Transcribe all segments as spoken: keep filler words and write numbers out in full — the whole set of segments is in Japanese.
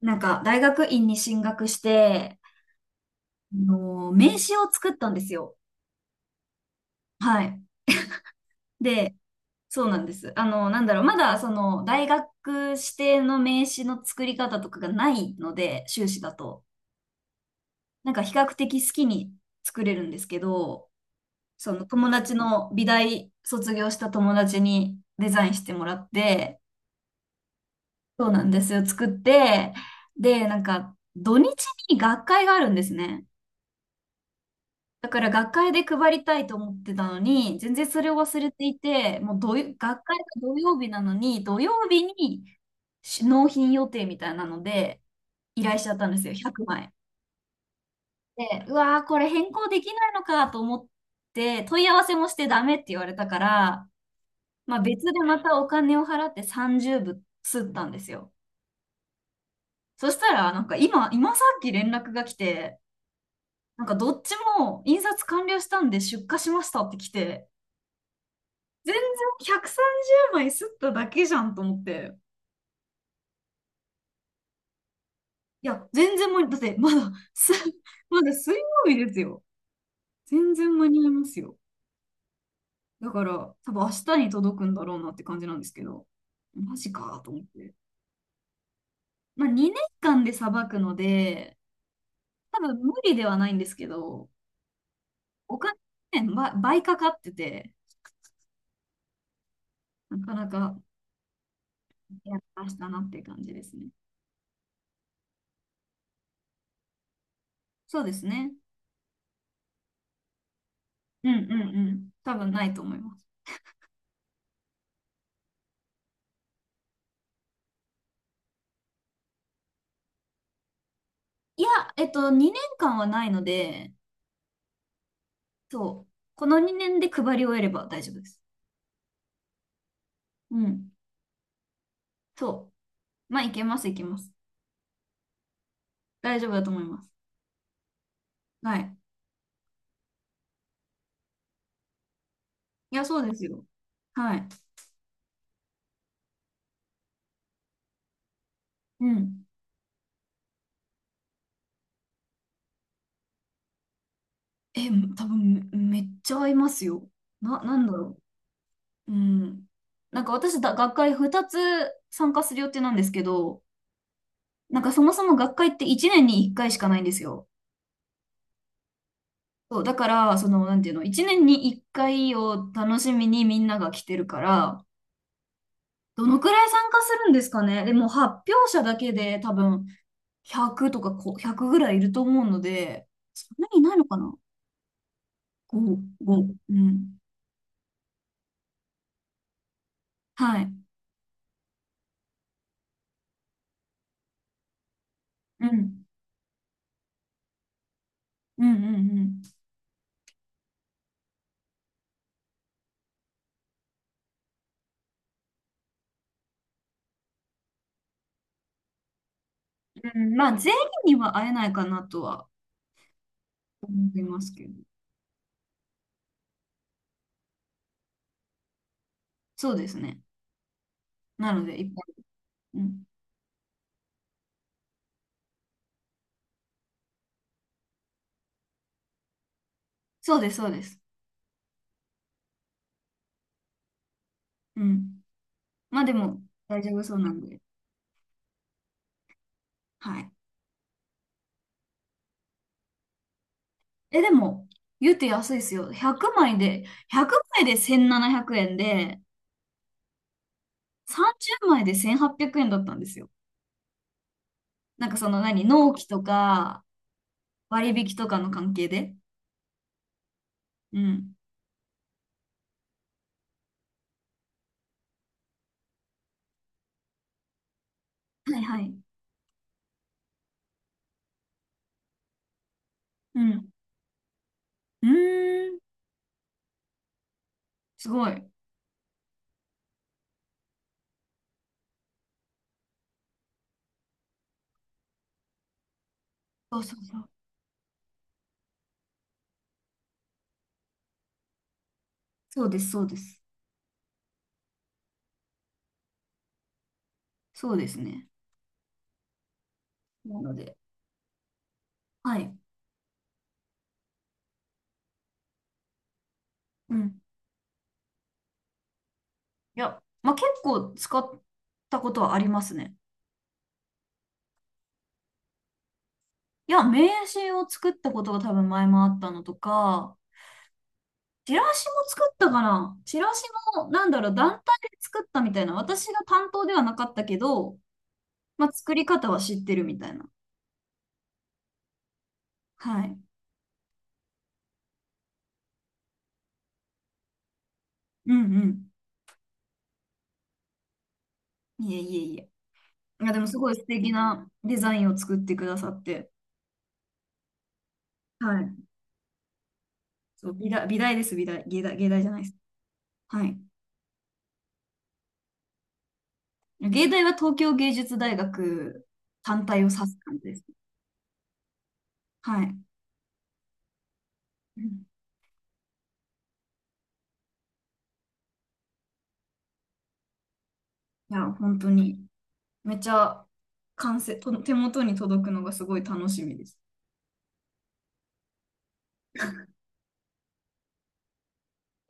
なんか、大学院に進学して、あの、名刺を作ったんですよ。はい。で、そうなんです。あの、なんだろう、まだ、その、大学指定の名刺の作り方とかがないので、修士だと。なんか、比較的好きに作れるんですけど、その、友達の、美大卒業した友達にデザインしてもらって、そうなんですよ、作って、で、なんか、土日に学会があるんですね。だから学会で配りたいと思ってたのに、全然それを忘れていて、もう土よ学会が土曜日なのに、土曜日にし納品予定みたいなので、依頼しちゃったんですよ、ひゃくまい。で、うわー、これ変更できないのかと思って、問い合わせもしてダメって言われたから、まあ別でまたお金を払ってさんじゅう部吸ったんですよ。そしたら、なんか今、今さっき連絡が来て、なんかどっちも印刷完了したんで出荷しましたって来て、全然ひゃくさんじゅうまい吸っただけじゃんと思って。いや、全然間に、だってまだ、す、まだ水曜日ですよ。全然間に合いますよ。だから、多分明日に届くんだろうなって感じなんですけど、マジかと思って。まあ、にねんかんでさばくので、多分無理ではないんですけど、お金、ね、ば倍かかってて、なかなかやったなっていう感じですね。そうですね。うんうんうん。多分ないと思います。いや、えっと、にねんかんはないので、そう。このにねんで配り終えれば大丈夫です。うん。そう。まあ、いけます、いけます。大丈夫だと思います。はい。いや、そうですよ。はい。うん。え、多分め、めっちゃ合いますよ。な、なんだろう。うん。なんか私だ、学会ふたつ参加する予定なんですけど、なんかそもそも学会っていちねんにいっかいしかないんですよ。そう、だから、その、なんていうの、いちねんにいっかいを楽しみにみんなが来てるから、どのくらい参加するんですかね。でも発表者だけで多分100とかこう100ぐらいいると思うので、そんなにいないのかな？ ご、ご。うん。はい。うん。うんうんうん。うん、まあ全員には会えないかなとは思いますけど。そうですね。なのでいっぱい。うん。そうです、そうです。うん。まあでも大丈夫そうなんで。はい。え、でも、言うて安いですよ。100枚で、ひゃくまいでせんななひゃくえんで、さんじゅうまいでせんはっぴゃくえんだったんですよ。なんかその何、納期とか割引とかの関係で。うん。はいはい。うん。うーん。すごい。そうそうそう。そうです、そうです。そうですね。なので、はい。うん。いや、まあ、結構使ったことはありますね。いや、名刺を作ったことが多分前もあったのとか、チラシも作ったかな。チラシも、なんだろう、団体で作ったみたいな。私が担当ではなかったけど、まあ、作り方は知ってるみたいな。はい。うんうん。いえいえいえ。いや、でもすごい素敵なデザインを作ってくださって。はい。そう、美大、美大です、美大。芸大、芸大じゃないです。はい。芸大は東京芸術大学単体を指す感じです。はい。うん、いや、本当に、めちゃ完成、と手元に届くのがすごい楽しみです。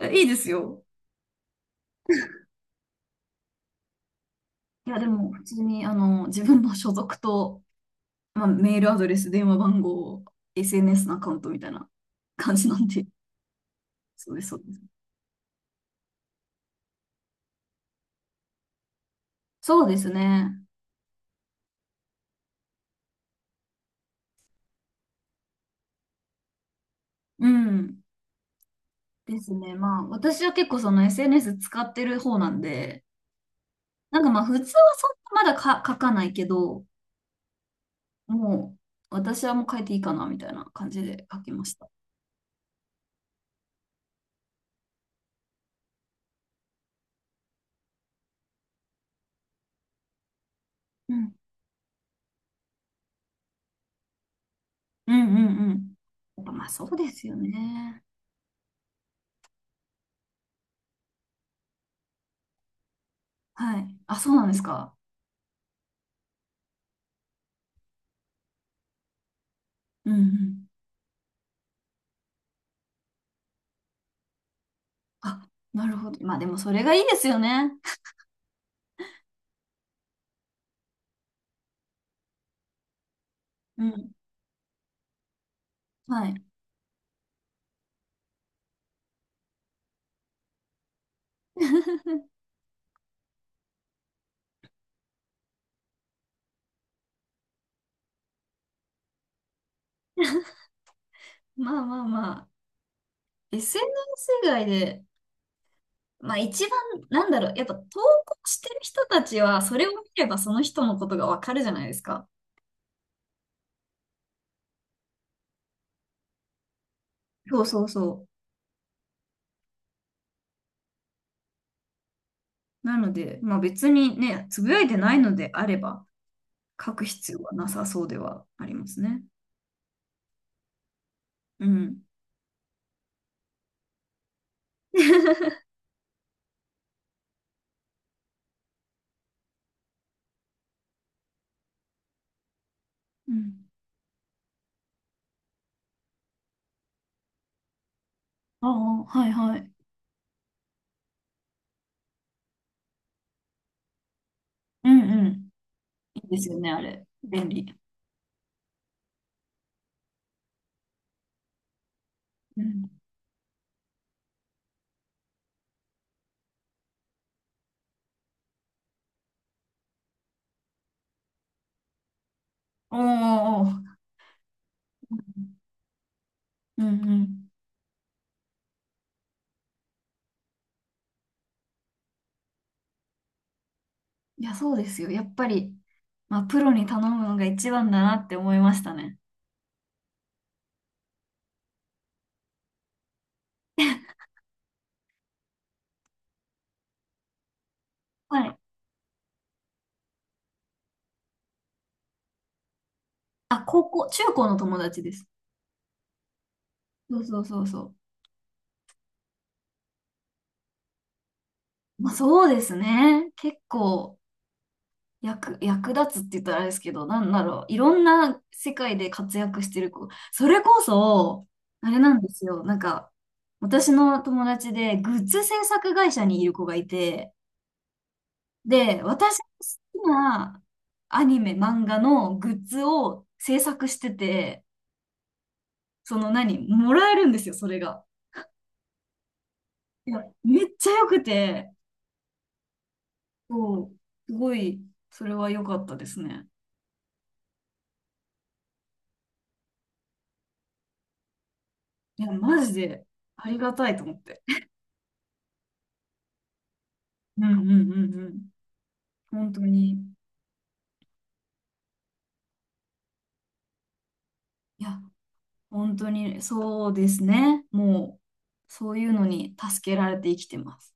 えいいですよ。いや、でも、普通に、あの、自分の所属と、まあ、メールアドレス、電話番号、エスエヌエス のアカウントみたいな感じなんで。そうです、そうです。そうですね。うん。ですね。まあ、私は結構その エスエヌエス 使ってる方なんで、なんかまあ、普通はそんなまだか書かないけど、もう、私はもう書いていいかな、みたいな感じで書きました。うん。うんうんうん。やっぱまあ、そうですよね。はい。あ、そうなんですか。うんうん。あ、なるほど。まあ、でもそれがいいですよね。うん。はい。まあまあまあ、エスエヌエス 以外で、まあ一番、なんだろう、やっぱ投稿してる人たちは、それを見ればその人のことがわかるじゃないですか。そうそうそう。なので、まあ別にね、つぶやいてないのであれば、書く必要はなさそうではありますね。うん。うん。ああ、はいはい。うんうん。いいですよね、あれ。便利。うん。おーおーおー、うんうん。いや、そうですよ。やっぱり、まあ、プロに頼むのが一番だなって思いましたね。はい。あ、高校、中高の友達です。そうそうそうそう。まあ、そうですね。結構、役、役立つって言ったらあれですけど、なんだろう。いろんな世界で活躍してる子。それこそ、あれなんですよ。なんか、私の友達で、グッズ制作会社にいる子がいて、で、私の好きなアニメ、漫画のグッズを制作してて、その何、もらえるんですよ、それが。いや、めっちゃ良くて、そう、すごい、それは良かったですね。いや、マジでありがたいと思って。うんうんうんうん。本当に。いや、本当にそうですね。もう、そういうのに助けられて生きてます。